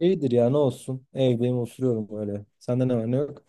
İyidir ya ne olsun. Evdeyim oturuyorum öyle. Sende ne var ne yok?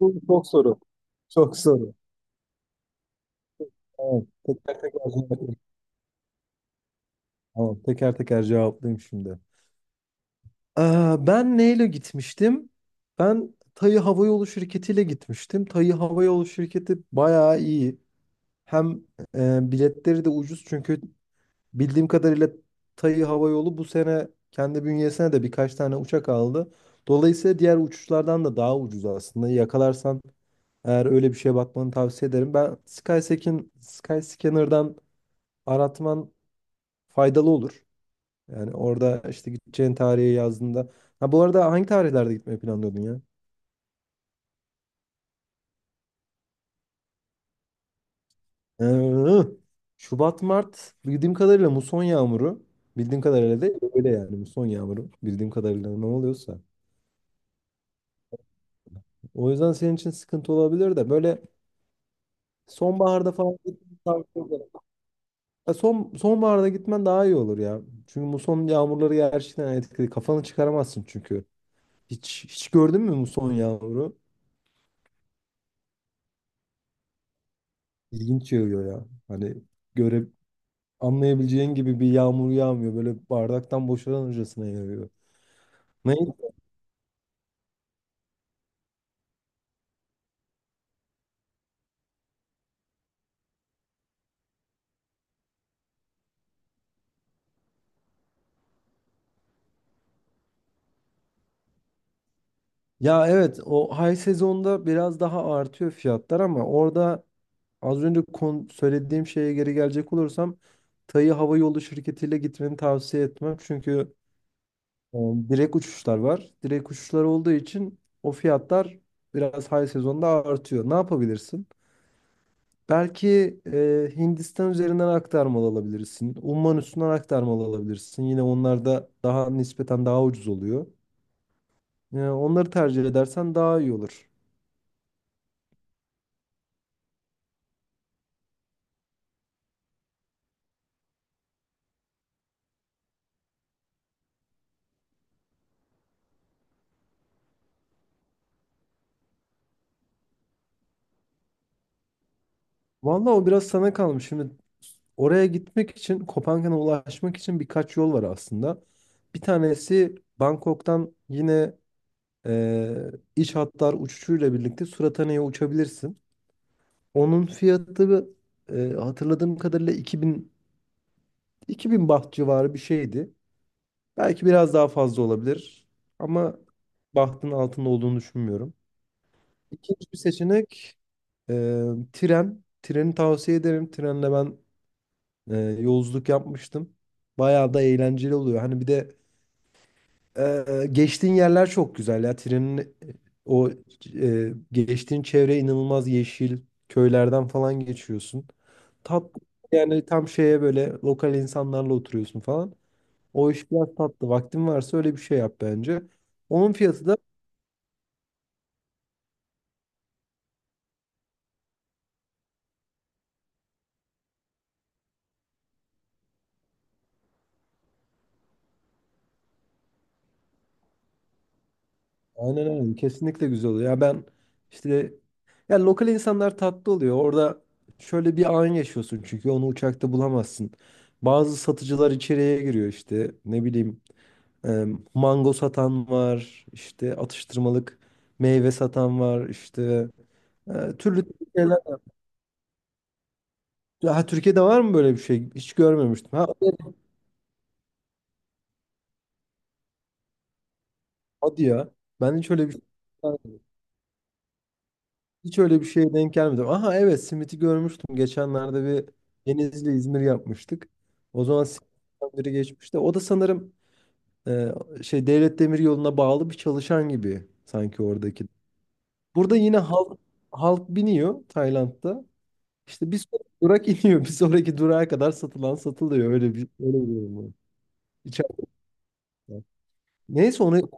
Bu çok soru. Çok soru. Tamam. Teker teker cevaplayayım. Tamam. Teker teker cevaplayayım şimdi. Ben neyle gitmiştim? Ben Tayı Hava Yolu Şirketi ile gitmiştim. Tayı Hava Yolu Şirketi bayağı iyi. Hem biletleri de ucuz çünkü bildiğim kadarıyla Tayı Hava Yolu bu sene kendi bünyesine de birkaç tane uçak aldı. Dolayısıyla diğer uçuşlardan da daha ucuz aslında. Eğer öyle bir şeye bakmanı tavsiye ederim. Ben Skyscanner'dan aratman faydalı olur. Yani orada işte gideceğin tarihi yazdığında. Ha, bu arada hangi tarihlerde gitmeyi planlıyordun ya? Ee, Şubat, Mart bildiğim kadarıyla muson yağmuru. Bildiğim kadarıyla değil öyle, yani muson yağmuru. Bildiğim kadarıyla ne oluyorsa. O yüzden senin için sıkıntı olabilir de böyle sonbaharda falan gitmeni tavsiye ederim. Ya sonbaharda gitmen daha iyi olur ya. Çünkü muson yağmurları gerçekten etkili. Kafanı çıkaramazsın çünkü. Hiç gördün mü muson yağmuru? İlginç yağıyor ya. Hani göre anlayabileceğin gibi bir yağmur yağmıyor. Böyle bardaktan boşanırcasına yağıyor. Ne? Ya evet, o high sezonda biraz daha artıyor fiyatlar ama orada az önce söylediğim şeye geri gelecek olursam Tayı Hava Yolu şirketiyle gitmeni tavsiye etmem. Çünkü e, direkt uçuşlar var. Direkt uçuşlar olduğu için o fiyatlar biraz high sezonda artıyor. Ne yapabilirsin? Belki Hindistan üzerinden aktarmalı alabilirsin. Umman üstünden aktarmalı alabilirsin. Yine onlar da daha nispeten daha ucuz oluyor. Onları tercih edersen daha iyi olur. Vallahi o biraz sana kalmış. Şimdi oraya gitmek için, Kopenhag'a ulaşmak için birkaç yol var aslında. Bir tanesi Bangkok'tan yine e, iç hatlar uçuşuyla birlikte Surahane'ye uçabilirsin. Onun fiyatı hatırladığım kadarıyla 2000 baht civarı bir şeydi. Belki biraz daha fazla olabilir ama bahtın altında olduğunu düşünmüyorum. İkinci bir seçenek e, tren. Treni tavsiye ederim. Trenle ben yolculuk yapmıştım. Bayağı da eğlenceli oluyor. Hani bir de geçtiğin yerler çok güzel ya. Trenin e, o e, Geçtiğin çevre inanılmaz yeşil. Köylerden falan geçiyorsun. Tat Yani tam şeye böyle lokal insanlarla oturuyorsun falan. O iş biraz tatlı. Vaktin varsa öyle bir şey yap bence. Onun fiyatı da aynen, aynen, kesinlikle güzel oluyor. Ya ben işte, ya lokal insanlar tatlı oluyor. Orada şöyle bir an yaşıyorsun çünkü onu uçakta bulamazsın. Bazı satıcılar içeriye giriyor, işte ne bileyim, e, mango satan var, işte atıştırmalık meyve satan var, işte türlü türlü şeyler. Ha, Türkiye'de var mı böyle bir şey? Hiç görmemiştim. Ha, evet, hadi ya. Ben hiç öyle bir şey. Hiç öyle bir şeye denk gelmedim. Aha, evet, simiti görmüştüm. Geçenlerde bir Denizli İzmir yapmıştık. O zaman simitten biri geçmişti. O da sanırım e, şey Devlet Demir Yolu'na bağlı bir çalışan gibi sanki oradaki. Burada yine halk biniyor Tayland'da. İşte bir sonraki durak iniyor. Bir sonraki durağa kadar satılan satılıyor. Öyle bir durum var. İçeride. Neyse onu.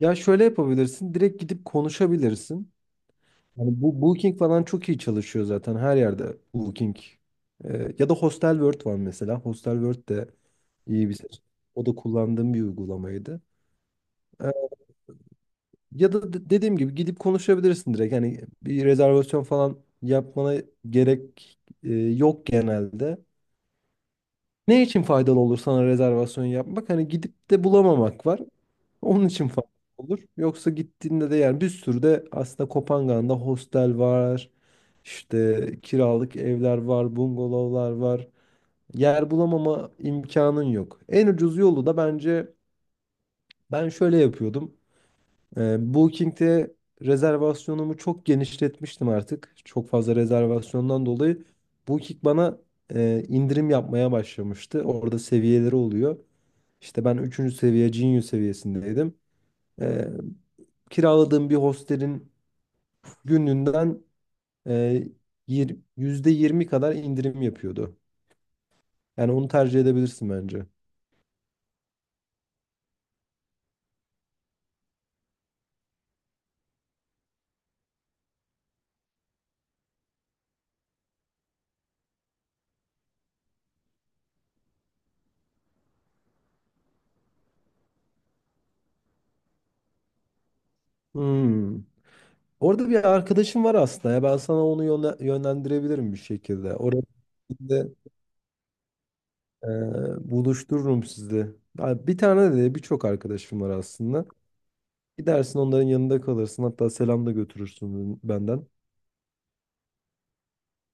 Ya şöyle yapabilirsin. Direkt gidip konuşabilirsin. Yani bu Booking falan çok iyi çalışıyor zaten, her yerde Booking. Ya da Hostel World var mesela. Hostel World de iyi bir seçenek. O da kullandığım bir uygulamaydı. Ee, Ya da dediğim gibi gidip konuşabilirsin direkt. Yani bir rezervasyon falan yapmana gerek yok genelde. Ne için faydalı olur sana rezervasyon yapmak? Hani gidip de bulamamak var. Onun için faydalı olur. Yoksa gittiğinde de yani bir sürü de aslında Kopangan'da hostel var. İşte kiralık evler var, bungalovlar var. Yer bulamama imkanın yok. En ucuz yolu da bence ben şöyle yapıyordum. Booking'de rezervasyonumu çok genişletmiştim artık. Çok fazla rezervasyondan dolayı Booking bana indirim yapmaya başlamıştı. Orada seviyeleri oluyor. İşte ben üçüncü seviye Genius seviyesindeydim. Ee, Kiraladığım bir hostelin gününden e, %20 kadar indirim yapıyordu. Yani onu tercih edebilirsin bence. Hmm. Orada bir arkadaşım var aslında ya. Ben sana onu yönlendirebilirim bir şekilde. Orada Ee, buluştururum sizi. Ha, bir tane de değil, birçok arkadaşım var aslında. Gidersin onların yanında kalırsın. Hatta selam da götürürsün benden.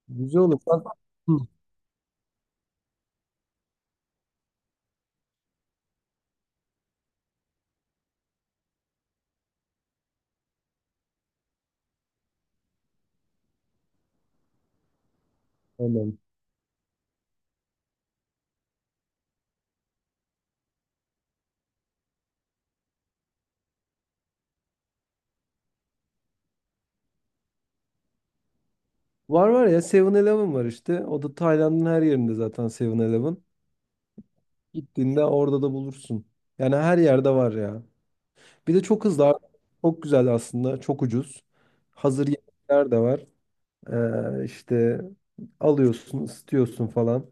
Güzel olur. Ben- Hı. Tamam. Var ya, Seven eleven var işte. O da Tayland'ın her yerinde zaten Seven eleven. Gittiğinde orada da bulursun. Yani her yerde var ya. Bir de çok hızlı, abi. Çok güzel aslında. Çok ucuz. Hazır yemekler de var. İşte alıyorsun, ısıtıyorsun falan.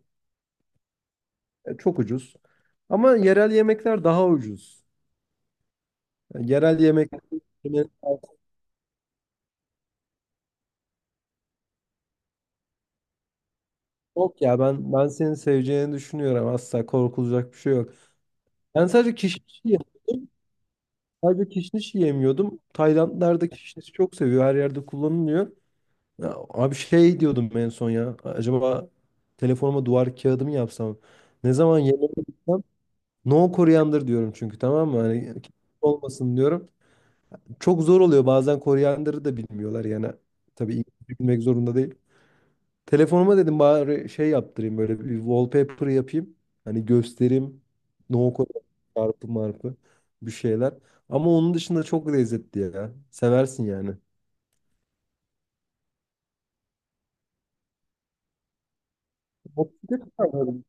Çok ucuz. Ama yerel yemekler daha ucuz. Yani yerel yemek yok ya, ben seni seveceğini düşünüyorum. Asla korkulacak bir şey yok. Ben sadece kişniş yiyemiyordum. Sadece kişniş yiyemiyordum. Taylandlarda kişniş çok seviyor. Her yerde kullanılıyor. Ya, abi, şey diyordum en son ya. Acaba telefonuma duvar kağıdı mı yapsam? Ne zaman yemeğe gitsem no koriander diyorum, çünkü tamam mı? Hani olmasın diyorum. Çok zor oluyor bazen, Koryanları da bilmiyorlar yani. Tabii İngilizce bilmek zorunda değil. Telefonuma dedim bari şey yaptırayım, böyle bir wallpaper yapayım. Hani göstereyim. No code çarpı marpı bir şeyler. Ama onun dışında çok lezzetli ya. Seversin yani. Motosiklet kiralayalım.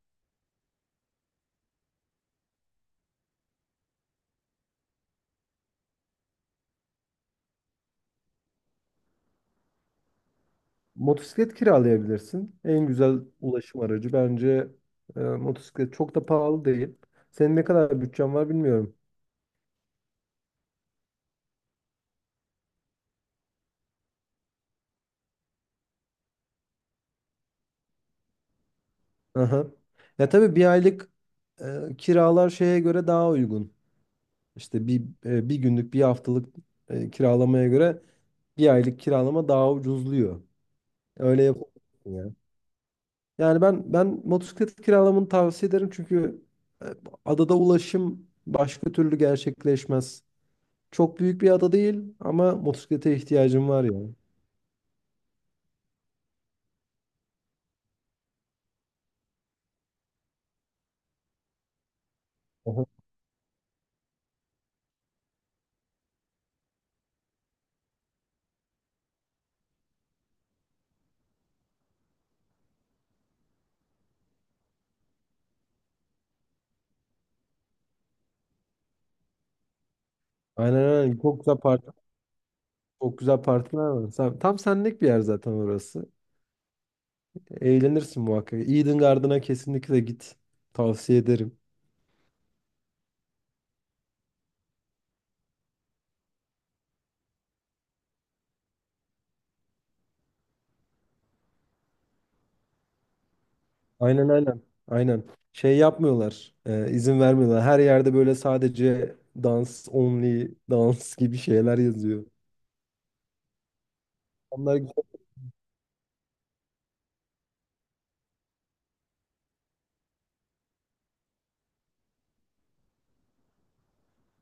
Motosiklet kiralayabilirsin. En güzel ulaşım aracı bence motosiklet. Çok da pahalı değil. Senin ne kadar bütçen var bilmiyorum. Aha. Ya tabii bir aylık kiralar şeye göre daha uygun. İşte bir günlük, bir haftalık kiralamaya göre bir aylık kiralama daha ucuzluyor. Öyle yap ya. Yani ben motosiklet kiralamanı tavsiye ederim çünkü e, adada ulaşım başka türlü gerçekleşmez. Çok büyük bir ada değil ama motosiklete ihtiyacım var ya. Aha. Aynen, aynen. Çok güzel park, çok güzel partiler var. Tam senlik bir yer zaten orası. Eğlenirsin muhakkak. Eden Garden'a kesinlikle git. Tavsiye ederim. Aynen, aynen. Aynen. Şey yapmıyorlar. E, izin vermiyorlar. Her yerde böyle sadece dans only, dans gibi şeyler yazıyor. Onlar.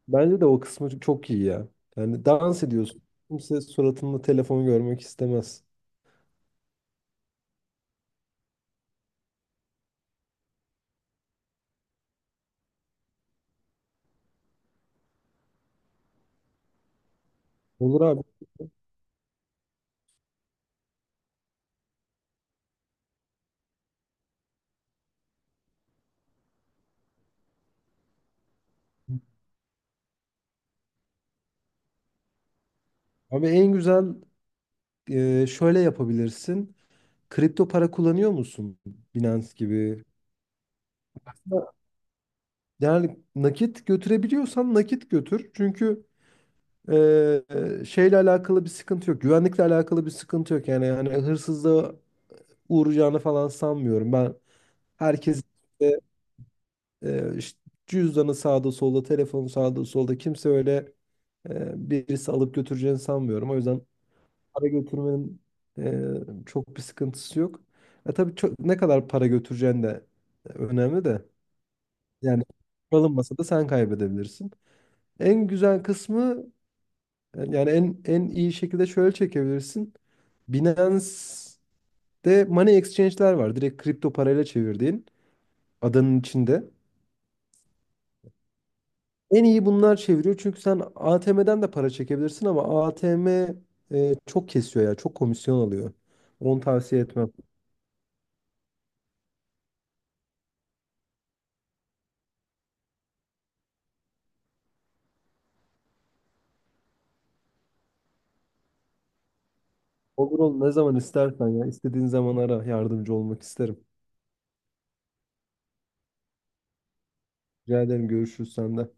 Bence de o kısmı çok iyi ya. Yani dans ediyorsun. Kimse suratında telefon görmek istemez. Olur abi. Abi en güzel şöyle yapabilirsin. Kripto para kullanıyor musun? Binance gibi. Yani nakit götürebiliyorsan nakit götür. Çünkü şeyle alakalı bir sıkıntı yok. Güvenlikle alakalı bir sıkıntı yok. Yani hani hırsızlığa uğrayacağını falan sanmıyorum. Ben herkes de, işte cüzdanı sağda solda, telefonu sağda solda kimse öyle birisi alıp götüreceğini sanmıyorum. O yüzden para götürmenin çok bir sıkıntısı yok. Tabii çok, ne kadar para götüreceğin de önemli de. Yani alınmasa da sen kaybedebilirsin. En güzel kısmı. Yani en iyi şekilde şöyle çekebilirsin. Binance'de money exchange'ler var. Direkt kripto parayla çevirdiğin adanın içinde. En iyi bunlar çeviriyor çünkü sen ATM'den de para çekebilirsin ama ATM çok kesiyor ya. Çok komisyon alıyor. Onu tavsiye etmem. Olur, ne zaman istersen ya. İstediğin zaman ara. Yardımcı olmak isterim. Rica ederim, görüşürüz sende.